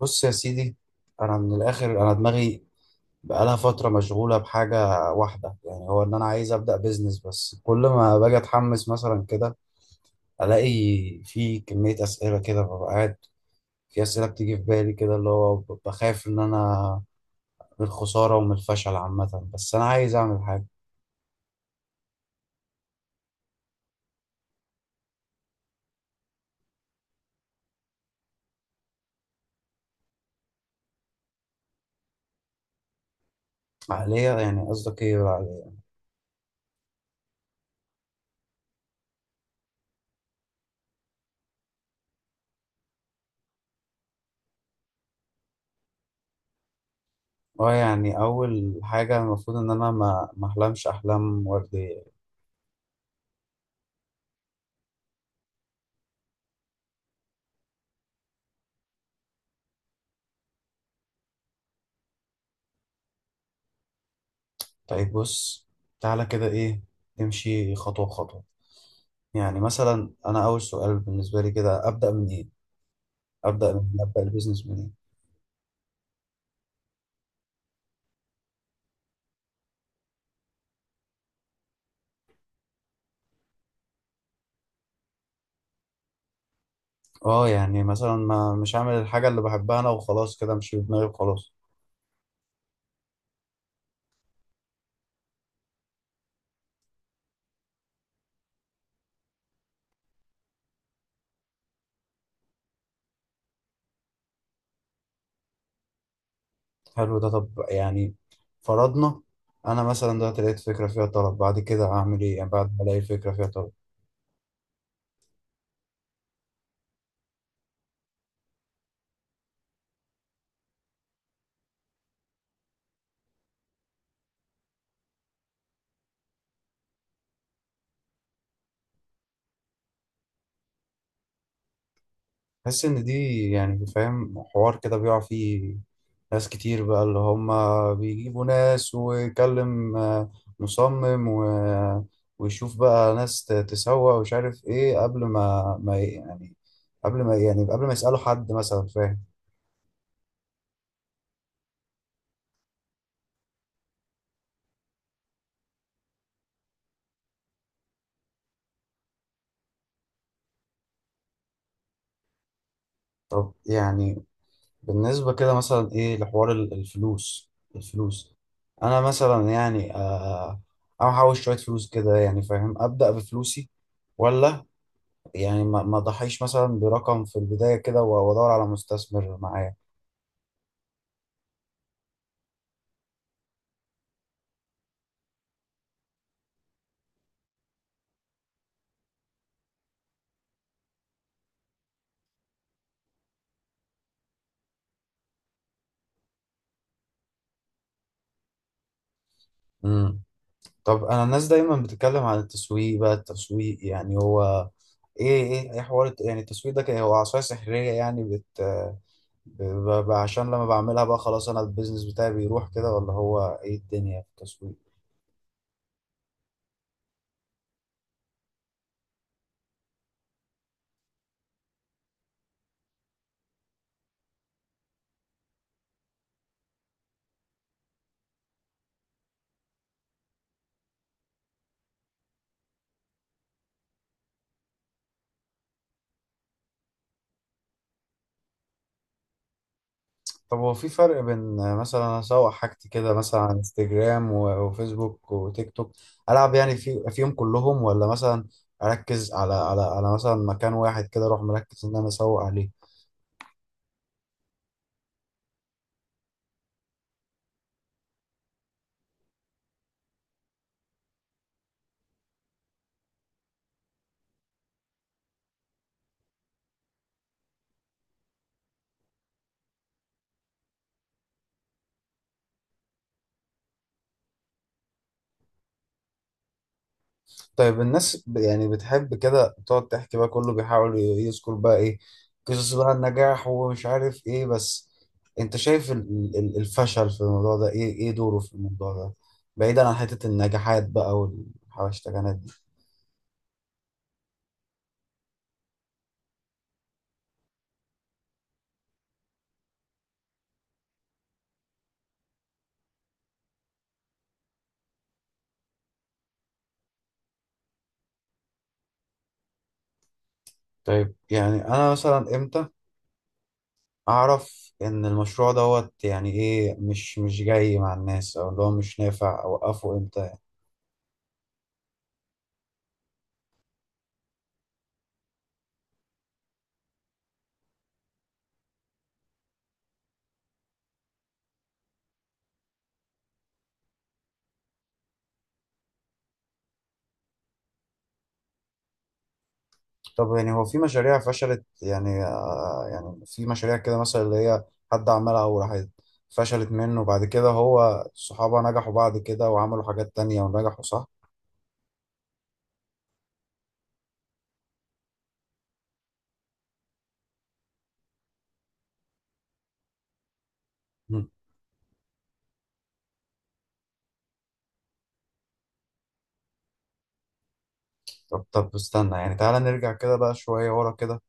بص يا سيدي، انا من الاخر انا دماغي بقالها فتره مشغوله بحاجه واحده. يعني هو ان انا عايز ابدا بيزنس، بس كل ما باجي اتحمس مثلا كده الاقي في كميه اسئله كده، ببقى قاعد في اسئله بتيجي في بالي كده اللي هو بخاف ان انا من الخساره ومن الفشل عامه، بس انا عايز اعمل حاجه. عقليه؟ يعني قصدك ايه بالعقليه؟ اه، يعني اول حاجه المفروض ان انا ما احلمش احلام ورديه. طيب بص، تعالى كده، ايه، نمشي خطوه خطوه. يعني مثلا انا اول سؤال بالنسبه لي كده، ابدا منين؟ ابدا من إيه؟ ابدا البيزنس منين؟ اه، يعني مثلا ما مش هعمل الحاجه اللي بحبها انا وخلاص، كده مش في دماغي وخلاص؟ حلو ده. طب يعني فرضنا انا مثلا دلوقتي لقيت فكره فيها طلب، بعد كده اعمل ايه؟ يعني بعد ما الاقي فكره فيها طلب. بحس ان دي يعني فاهم حوار كده بيقع فيه ناس كتير، بقى اللي هم بيجيبوا ناس ويكلم مصمم ويشوف بقى ناس تسوق ومش عارف ايه، قبل ما يعني قبل ما يعني قبل ما يسألوا حد مثلا، فاهم؟ طب يعني بالنسبة كده مثلا ايه لحوار الفلوس؟ الفلوس، انا مثلا يعني احوش شوية فلوس كده، يعني فاهم، أبدأ بفلوسي ولا يعني ما ضحيش مثلا برقم في البداية كده وادور على مستثمر معايا؟ امم. طب انا، الناس دايما بتتكلم عن التسويق، بقى التسويق يعني هو ايه؟ ايه ايه حوار يعني التسويق ده؟ كان هو عصاية سحرية يعني عشان لما بعملها بقى خلاص انا البيزنس بتاعي بيروح كده، ولا هو ايه الدنيا في التسويق؟ طب هو في فرق بين مثلا اسوق حاجتي كده مثلا على انستجرام وفيسبوك وتيك توك، العب يعني في فيهم كلهم، ولا مثلا اركز على على مثلا مكان واحد كده، اروح مركز ان انا اسوق عليه؟ طيب الناس يعني بتحب كده تقعد تحكي بقى، كله بيحاول يذكر بقى ايه، قصص بقى النجاح ومش عارف ايه، بس انت شايف الفشل في الموضوع ده ايه؟ ايه دوره في الموضوع ده بعيدا عن حتة النجاحات بقى والحواشتجانات دي؟ طيب يعني انا مثلا امتى اعرف ان المشروع دوت يعني ايه، مش مش جاي مع الناس او اللي هو مش نافع؟ اوقفه امتى يعني؟ طب يعني هو في مشاريع فشلت، يعني آه يعني في مشاريع كده مثلا اللي هي حد عملها وراحت فشلت منه، وبعد كده هو صحابه نجحوا بعد كده وعملوا حاجات تانية ونجحوا، صح؟ مم. طب استنى يعني، تعالى نرجع كده بقى شوية ورا كده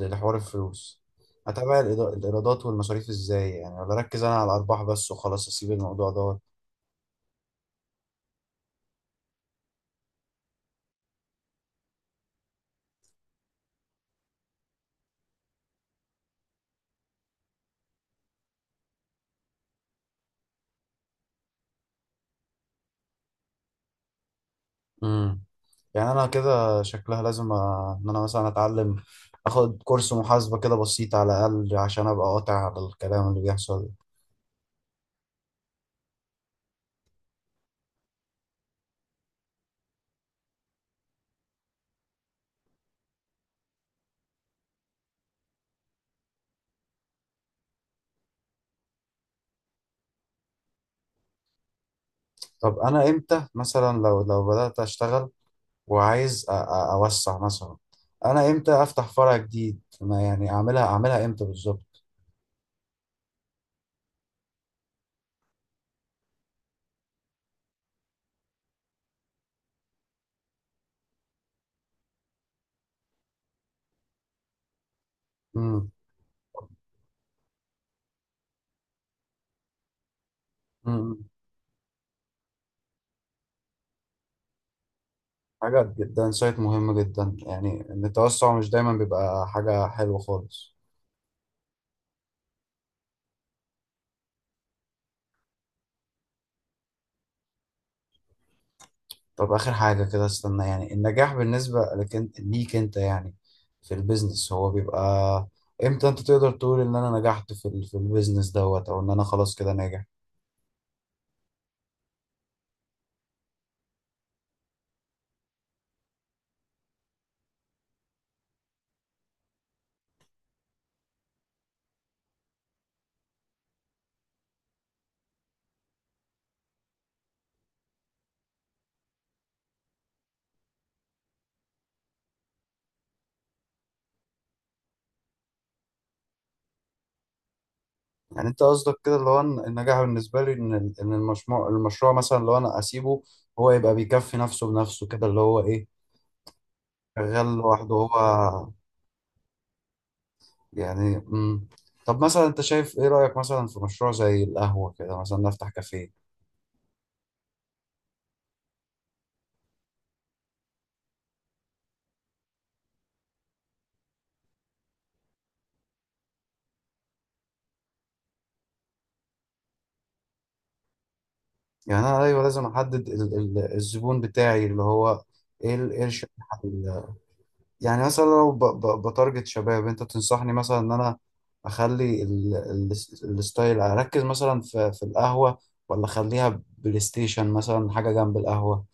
لحوار الفلوس. أتابع الإيرادات والمصاريف إزاي يعني، ولا أركز أنا على الأرباح بس وخلاص أسيب الموضوع ده؟ امم. يعني انا كده شكلها لازم ان انا مثلا اتعلم، اخد كورس محاسبة كده بسيط على الاقل عشان ابقى قاطع على الكلام اللي بيحصل ده. طب انا امتى مثلا، لو بدأت اشتغل وعايز اوسع مثلا، انا امتى افتح فرع جديد؟ ما يعني اعملها امتى بالظبط؟ امم. امم حاجة جدا سايت، مهم جدا يعني ان التوسع مش دايما بيبقى حاجة حلوة خالص. طب آخر حاجة كده استنى، يعني النجاح بالنسبة لك انت، ليك انت يعني في البيزنس، هو بيبقى امتى؟ انت تقدر تقول ان انا نجحت في في البيزنس دوت، او ان انا خلاص كده ناجح؟ يعني انت قصدك كده اللي هو إن النجاح بالنسبة لي ان ان المشروع مثلا لو انا اسيبه هو يبقى بيكفي نفسه بنفسه كده، اللي هو ايه، شغال لوحده هو؟ يعني مم. طب مثلا انت شايف ايه، رأيك مثلا في مشروع زي القهوة كده، مثلا نفتح كافيه؟ يعني انا، ايوه، لازم احدد الزبون بتاعي اللي هو ايه، ايه الشريحه يعني مثلا لو بتارجت شباب، انت تنصحني مثلا ان انا اخلي الستايل، اركز مثلا في في القهوه، ولا اخليها بلاي ستيشن مثلا حاجه جنب القهوه؟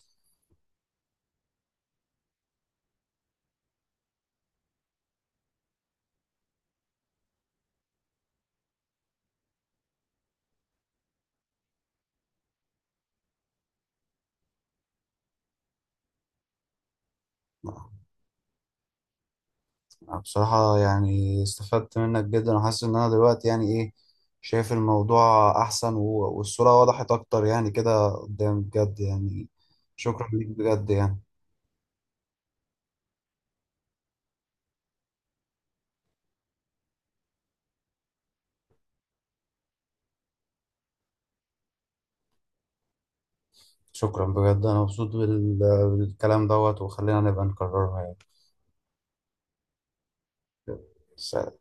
أنا بصراحه يعني استفدت منك جدا، وحاسس ان انا دلوقتي يعني ايه، شايف الموضوع احسن والصوره وضحت اكتر يعني كده قدام، بجد يعني شكرا ليك بجد يعني. شكرا بجد، انا مبسوط بالكلام دوت، وخلينا نبقى نكررها يعني. بس.